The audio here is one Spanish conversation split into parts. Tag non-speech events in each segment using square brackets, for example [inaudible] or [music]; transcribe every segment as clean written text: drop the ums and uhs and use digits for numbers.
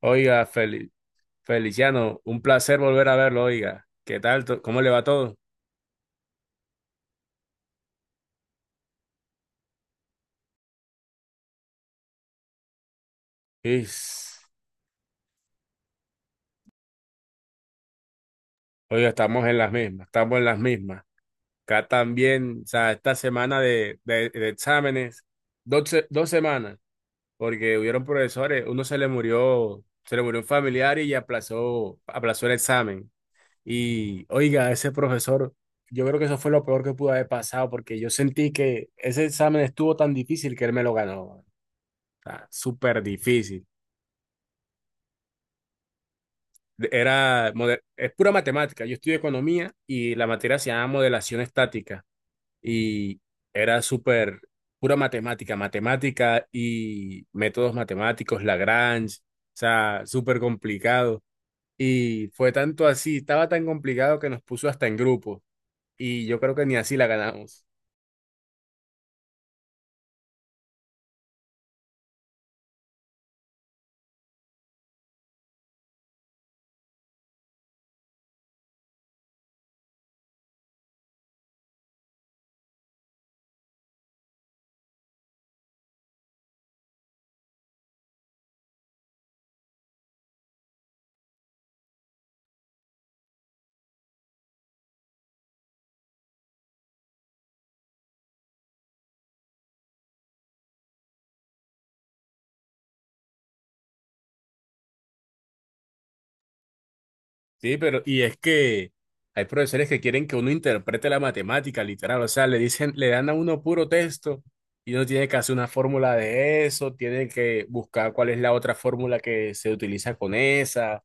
Oiga, Feliciano, un placer volver a verlo, oiga. ¿Qué tal? ¿Cómo le va todo? Is, Oiga, estamos en las mismas, estamos en las mismas. Acá también, o sea, esta semana de exámenes, 2 semanas, porque hubieron profesores, uno se le murió un familiar y aplazó el examen. Y, oiga, ese profesor, yo creo que eso fue lo peor que pudo haber pasado, porque yo sentí que ese examen estuvo tan difícil que él me lo ganó. O sea, súper difícil. Era, es pura matemática. Yo estudié economía y la materia se llama modelación estática y era súper pura matemática, matemática y métodos matemáticos, Lagrange, o sea, súper complicado. Y fue tanto así, estaba tan complicado que nos puso hasta en grupo y yo creo que ni así la ganamos. Sí, pero y es que hay profesores que quieren que uno interprete la matemática, literal, o sea, le dicen, le dan a uno puro texto y uno tiene que hacer una fórmula de eso, tiene que buscar cuál es la otra fórmula que se utiliza con esa, o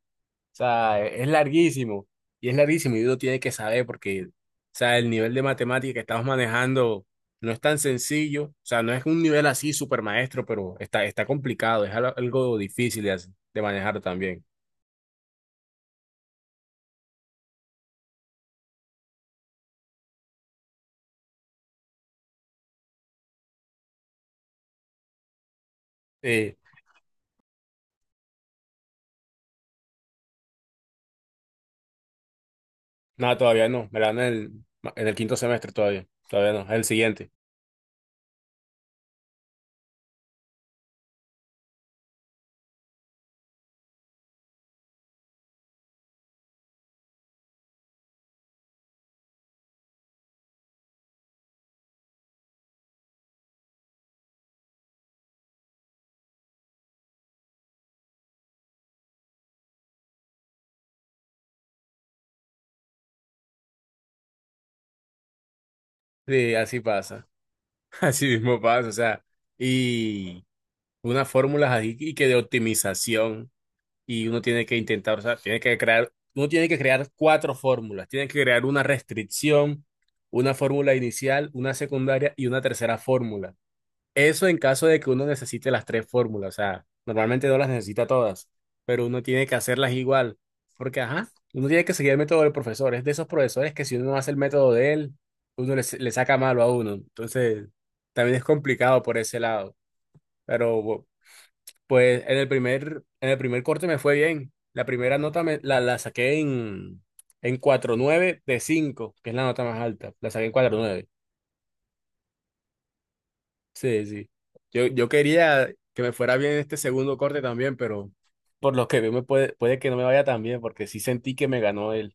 sea, es larguísimo y es larguísimo y uno tiene que saber porque, o sea, el nivel de matemática que estamos manejando no es tan sencillo, o sea, no es un nivel así super maestro, pero está, está complicado, es algo difícil de manejar también. Eh, No, todavía no. Me la dan en el, quinto semestre todavía. Todavía no. El siguiente. Sí, así pasa. [laughs] Así mismo pasa. O sea, y unas fórmulas ahí y que de optimización. Y uno tiene que intentar, o sea, tiene que crear, uno tiene que crear cuatro fórmulas. Tiene que crear una restricción, una fórmula inicial, una secundaria y una tercera fórmula. Eso en caso de que uno necesite las tres fórmulas, o sea, normalmente no las necesita todas, pero uno tiene que hacerlas igual, porque ajá, uno tiene que seguir el método del profesor, es de esos profesores que si uno no hace el método de él, uno le saca malo a uno, entonces también es complicado por ese lado, pero pues en el primer corte me fue bien, la primera nota la saqué en 4,9 de 5, que es la nota más alta, la saqué en 4,9. Sí, sí. Yo quería que me fuera bien este segundo corte también, pero por lo que veo puede que no me vaya tan bien, porque sí sentí que me ganó él.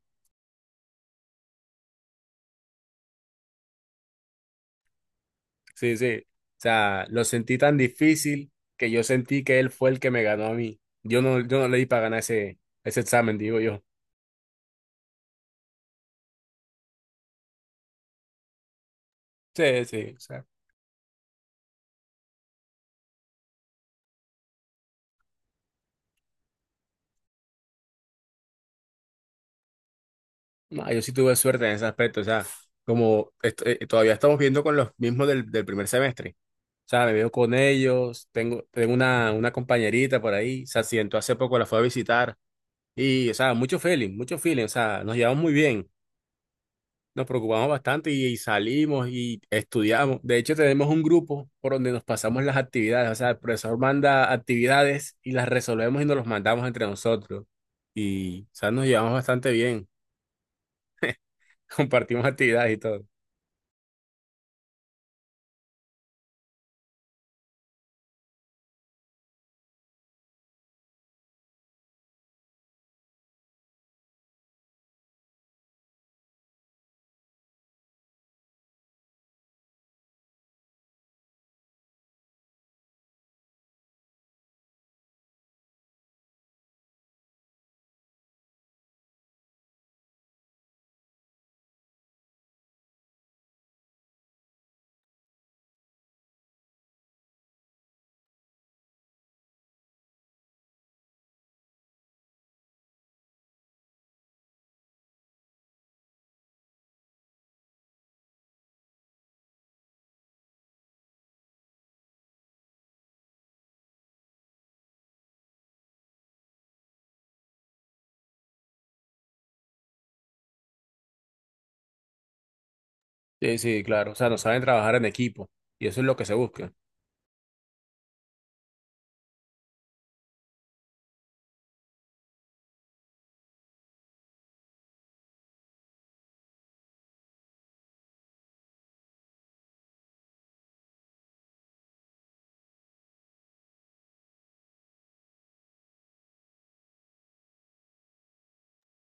Sí, sí. O sea, lo sentí tan difícil que yo sentí que él fue el que me ganó a mí. Yo no le di para ganar ese examen, digo yo. Sí, sí. O sea, no, yo sí tuve suerte en ese aspecto. O sea, todavía estamos viendo con los mismos del primer semestre. O sea, me veo con ellos, tengo una compañerita por ahí, se accidentó hace poco, la fue a visitar. Y, o sea, mucho feeling, o sea, nos llevamos muy bien, nos preocupamos bastante y salimos y estudiamos. De hecho, tenemos un grupo por donde nos pasamos las actividades, o sea, el profesor manda actividades y las resolvemos y nos los mandamos entre nosotros. Y, o sea, nos llevamos bastante bien, [laughs] compartimos actividades y todo. Sí, sí, claro, o sea, nos saben trabajar en equipo y eso es lo que se busca.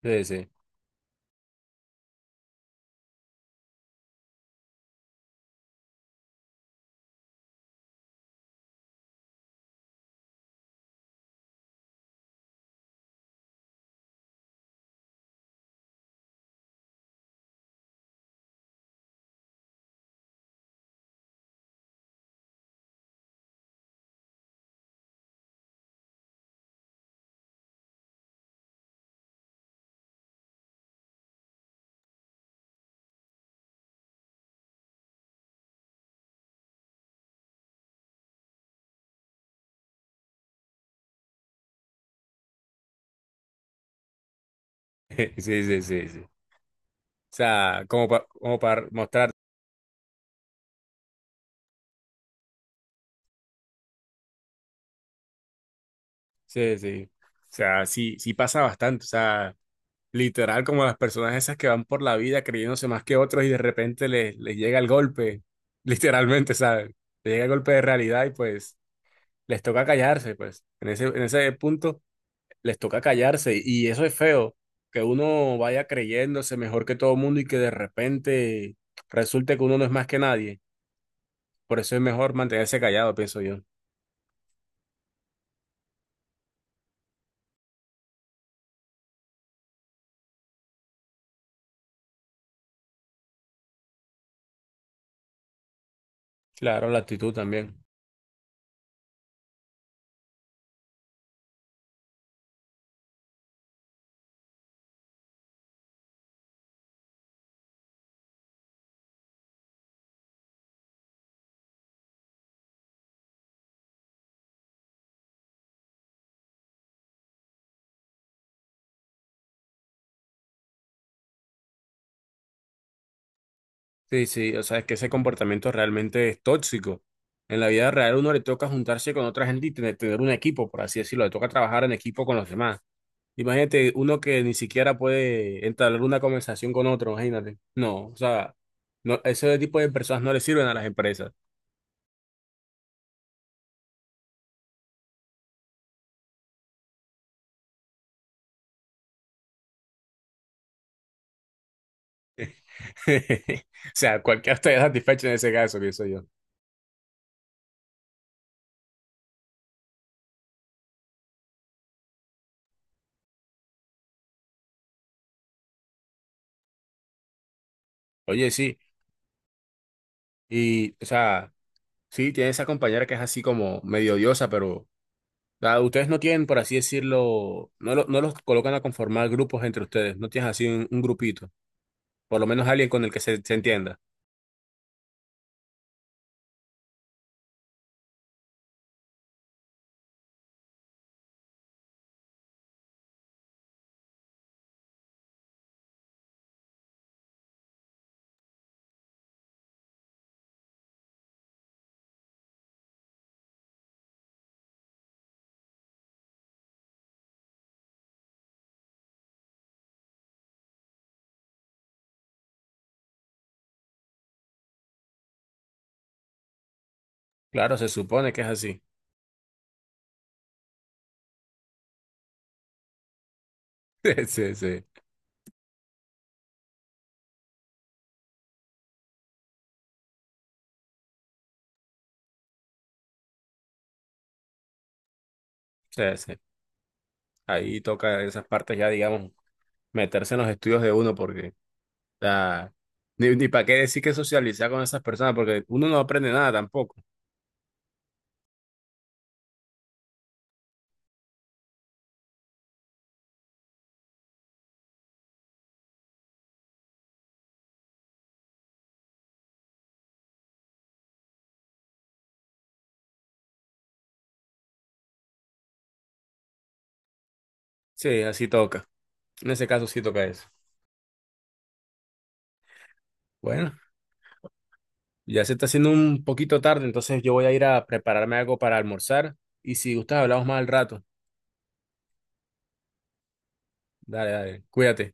Sí, sí, [laughs] sí, sí, sí, sí. O sea, como, como para mostrar, sí, sí. O sea, sí, sí pasa bastante, o sea. Literal, como las personas esas que van por la vida creyéndose más que otros y de repente les llega el golpe, [laughs] literalmente, ¿sabes? Les llega el golpe de realidad y pues les toca callarse, pues. En ese punto les toca callarse y eso es feo, que uno vaya creyéndose mejor que todo el mundo y que de repente resulte que uno no es más que nadie. Por eso es mejor mantenerse callado, pienso yo. Claro, la actitud también. Sí, sí, o sea, es que ese comportamiento realmente es tóxico. En la vida real uno le toca juntarse con otra gente y tener un equipo, por así decirlo, le toca trabajar en equipo con los demás. Imagínate uno que ni siquiera puede entablar una conversación con otro, imagínate. No, o sea, no, ese tipo de personas no le sirven a las empresas. [laughs] O sea, cualquiera estaría satisfecho en ese caso, pienso yo. Oye, sí, y, o sea, sí, tiene esa compañera que es así como medio odiosa, pero. Ah, ustedes no tienen, por así decirlo, no, no los colocan a conformar grupos entre ustedes, no tienes así un grupito, por lo menos alguien con el que se entienda. Claro, se supone que es así. [laughs] Sí, sí, sí, sí. Ahí toca esas partes ya, digamos, meterse en los estudios de uno, porque ah, ni para qué decir que socializar con esas personas, porque uno no aprende nada tampoco. Sí, así toca. En ese caso sí toca eso. Bueno, ya se está haciendo un poquito tarde, entonces yo voy a ir a prepararme algo para almorzar y si gustas hablamos más al rato. Dale, dale, cuídate.